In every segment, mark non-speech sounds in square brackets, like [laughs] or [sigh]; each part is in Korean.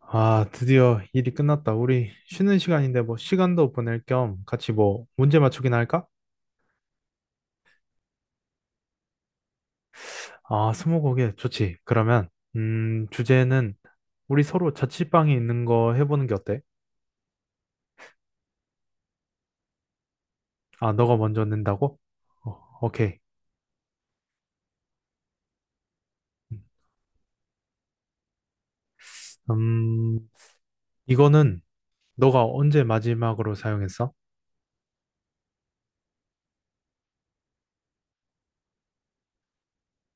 아, 드디어 일이 끝났다. 우리 쉬는 시간인데 뭐 시간도 보낼 겸 같이 뭐 문제 맞추기나 할까? 아, 스무고개 좋지. 그러면 주제는 우리 서로 자취방에 있는 거 해보는 게 어때? 아, 너가 먼저 낸다고? 어, 오케이. 음, 이거는 너가 언제 마지막으로 사용했어?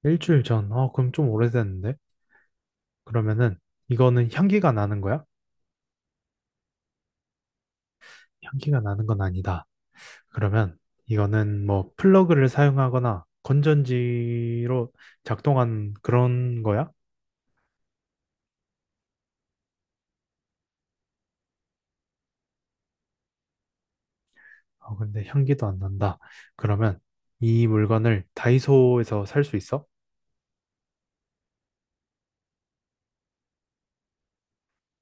일주일 전. 어, 그럼 좀 오래됐는데? 그러면은 이거는 향기가 나는 거야? 향기가 나는 건 아니다. 그러면 이거는 뭐 플러그를 사용하거나 건전지로 작동한 그런 거야? 아, 근데 향기도 안 난다. 그러면 이 물건을 다이소에서 살 수 있어?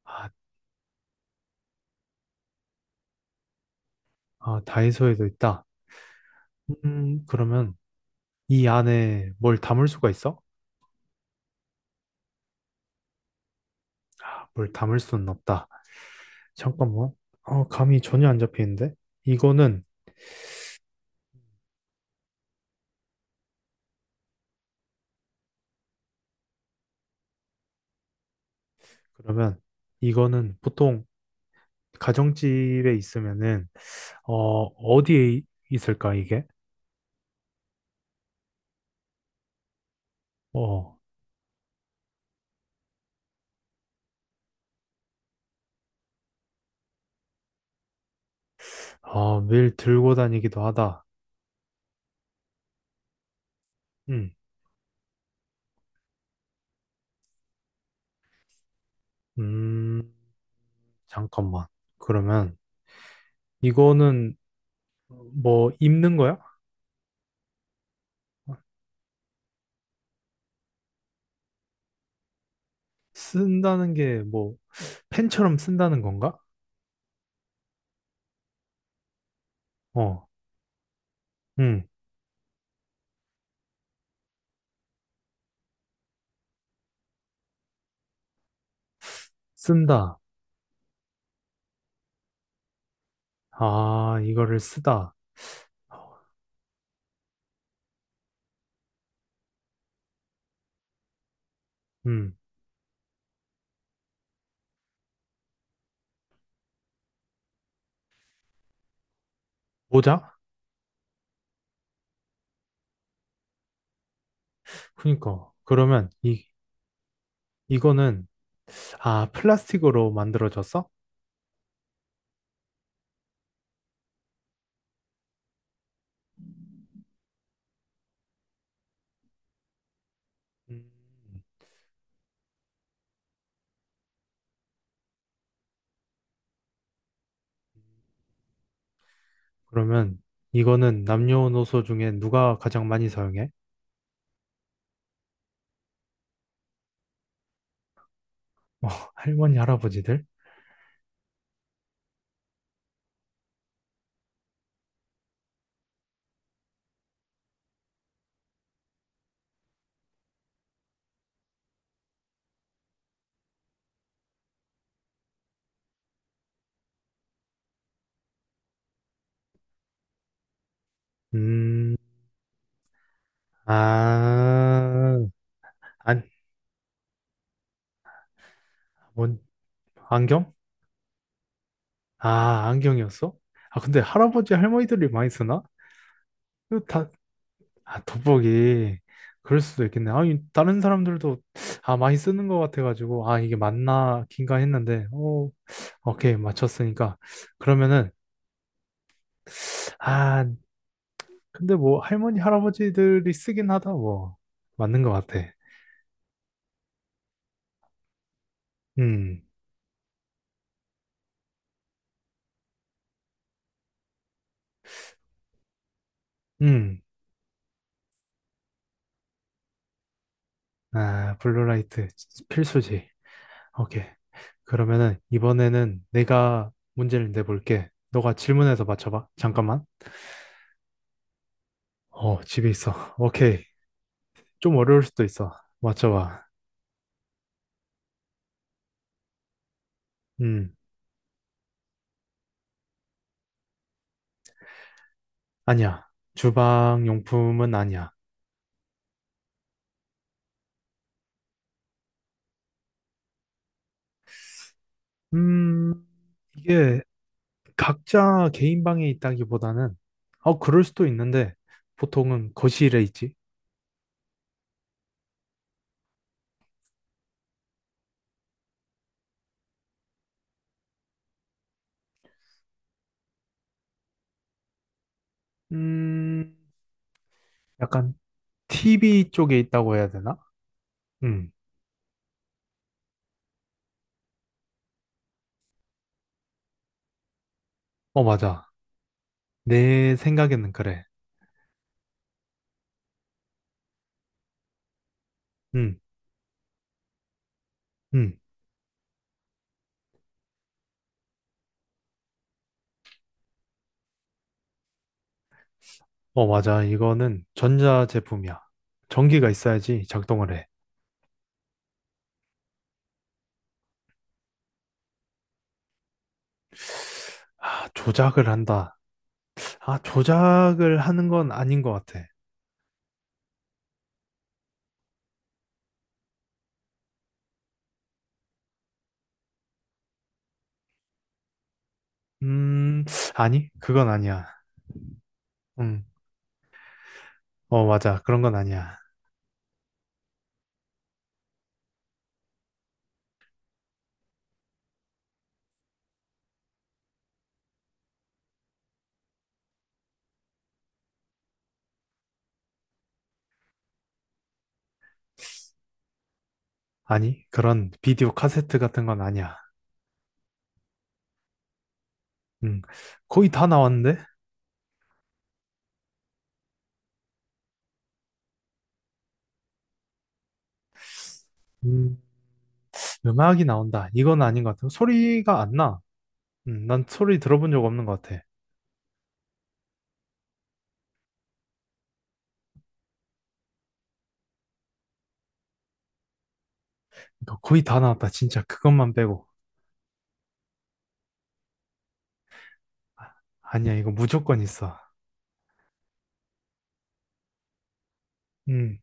아, 아, 다이소에도 있다. 그러면 이 안에 뭘 담을 수가 있어? 아, 뭘 담을 수는 없다. 잠깐만. 아, 감이 전혀 안 잡히는데? 이거는, 그러면 이거는 보통 가정집에 있으면은, 어, 어디에 있을까, 이게? 어, 아, 매일 들고 다니기도 하다. 음, 음, 잠깐만. 그러면 이거는 뭐 입는 거야? 쓴다는 게 뭐 펜처럼 쓴다는 건가? 어, 음, 쓴다. 아, 이거를 쓰다. 음, 모자? 그니까. 그러면 이거는, 아, 플라스틱으로 만들어졌어? 음, 그러면 이거는 남녀노소 중에 누가 가장 많이 사용해? 어, 할머니, 할아버지들? 음, 아, 안, 뭔, 안경? 아, 안경이었어? 아, 근데 할아버지, 할머니들이 많이 쓰나? 이거 다, 아, 돋보기. 그럴 수도 있겠네. 아, 이 다른 사람들도, 아, 많이 쓰는 것 같아가지고, 아, 이게 맞나, 긴가 했는데, 오, 오케이, 맞췄으니까. 그러면은, 아, 근데 뭐, 할머니, 할아버지들이 쓰긴 하다, 뭐. 맞는 것 같아. 음. 음, 아, 블루라이트 필수지. 오케이. 그러면은 이번에는 내가 문제를 내볼게. 너가 질문해서 맞춰봐. 잠깐만. 어, 집에 있어. 오케이. 좀 어려울 수도 있어. 맞춰봐. 음, 아니야. 주방 용품은 아니야. 음, 이게 각자 개인 방에 있다기보다는, 어, 그럴 수도 있는데, 보통은 거실에 있지. 음, 약간 TV 쪽에 있다고 해야 되나? 음, 어, 맞아. 내 생각에는 그래. 응, 응. 어, 맞아. 이거는 전자 제품이야. 전기가 있어야지 작동을 해. 아, 조작을 한다. 아, 조작을 하는 건 아닌 것 같아. 음, 아니, 그건 아니야. 응, 어, 맞아. 그런 건 아니야. 아니, 그런 비디오 카세트 같은 건 아니야. 응, 거의 다 나왔는데? 음, 음악이 나온다. 이건 아닌 것 같아. 소리가 안 나. 난 소리 들어본 적 없는 것 같아. 그러니까 거의 다 나왔다. 진짜 그것만 빼고. 아니야, 이거 무조건 있어. 음,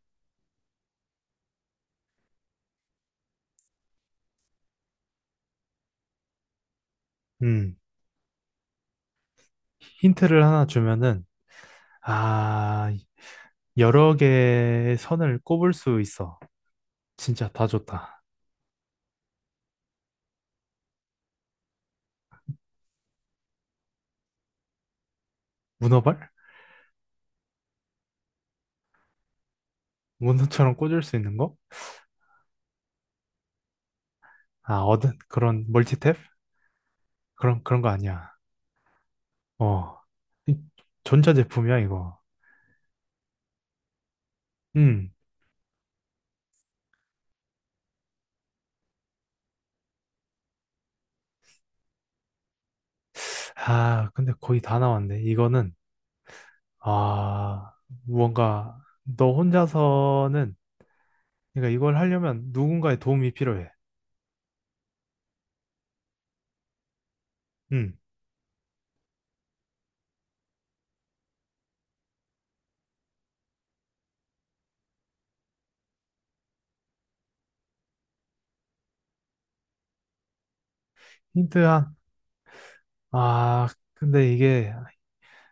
음. 힌트를 하나 주면은, 아, 여러 개의 선을 꼽을 수 있어. 진짜 다 좋다. 문어발? 문어처럼 꽂을 수 있는 거? 아, 얻은 그런 멀티탭? 그런 거 아니야. 어. 이 전자제품이야, 이거. 음. 아, 근데 거의 다 나왔네. 이거는, 아, 뭔가, 너 혼자서는, 그러니까 이걸 하려면 누군가의 도움이 필요해. 음. 힌트 한, 아, 근데 이게,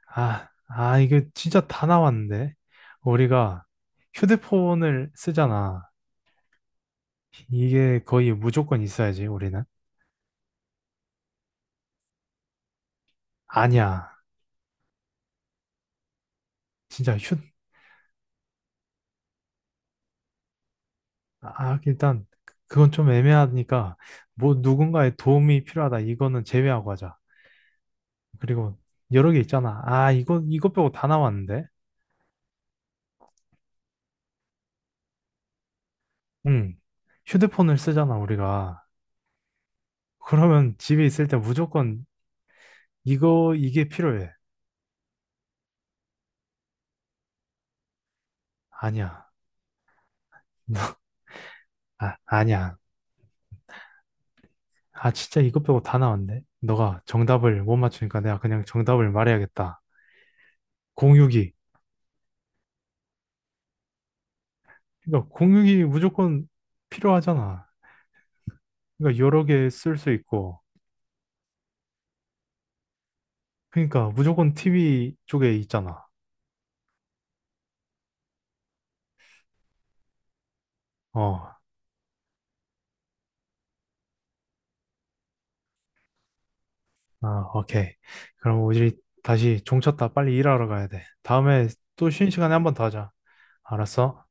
아, 이게 진짜 다 나왔는데. 우리가 휴대폰을 쓰잖아. 이게 거의 무조건 있어야지, 우리는. 아니야. 진짜 휴, 아, 일단, 그건 좀 애매하니까, 뭐, 누군가의 도움이 필요하다. 이거는 제외하고 하자. 그리고 여러 개 있잖아. 아, 이거 빼고 다 나왔는데. 응. 휴대폰을 쓰잖아, 우리가. 그러면 집에 있을 때 무조건 이거, 이게 필요해. 아니야. [laughs] 아, 아니야. 아, 진짜 이것 빼고 다 나왔네. 너가 정답을 못 맞추니까 내가 그냥 정답을 말해야겠다. 공유기. 그러니까 공유기 무조건 필요하잖아. 그러니까 여러 개 쓸 수 있고. 그러니까 무조건 TV 쪽에 있잖아. 어, 아, 오케이. 그럼 우리 다시 종 쳤다. 빨리 일하러 가야 돼. 다음에 또 쉬는 시간에 한번 더 하자. 알았어?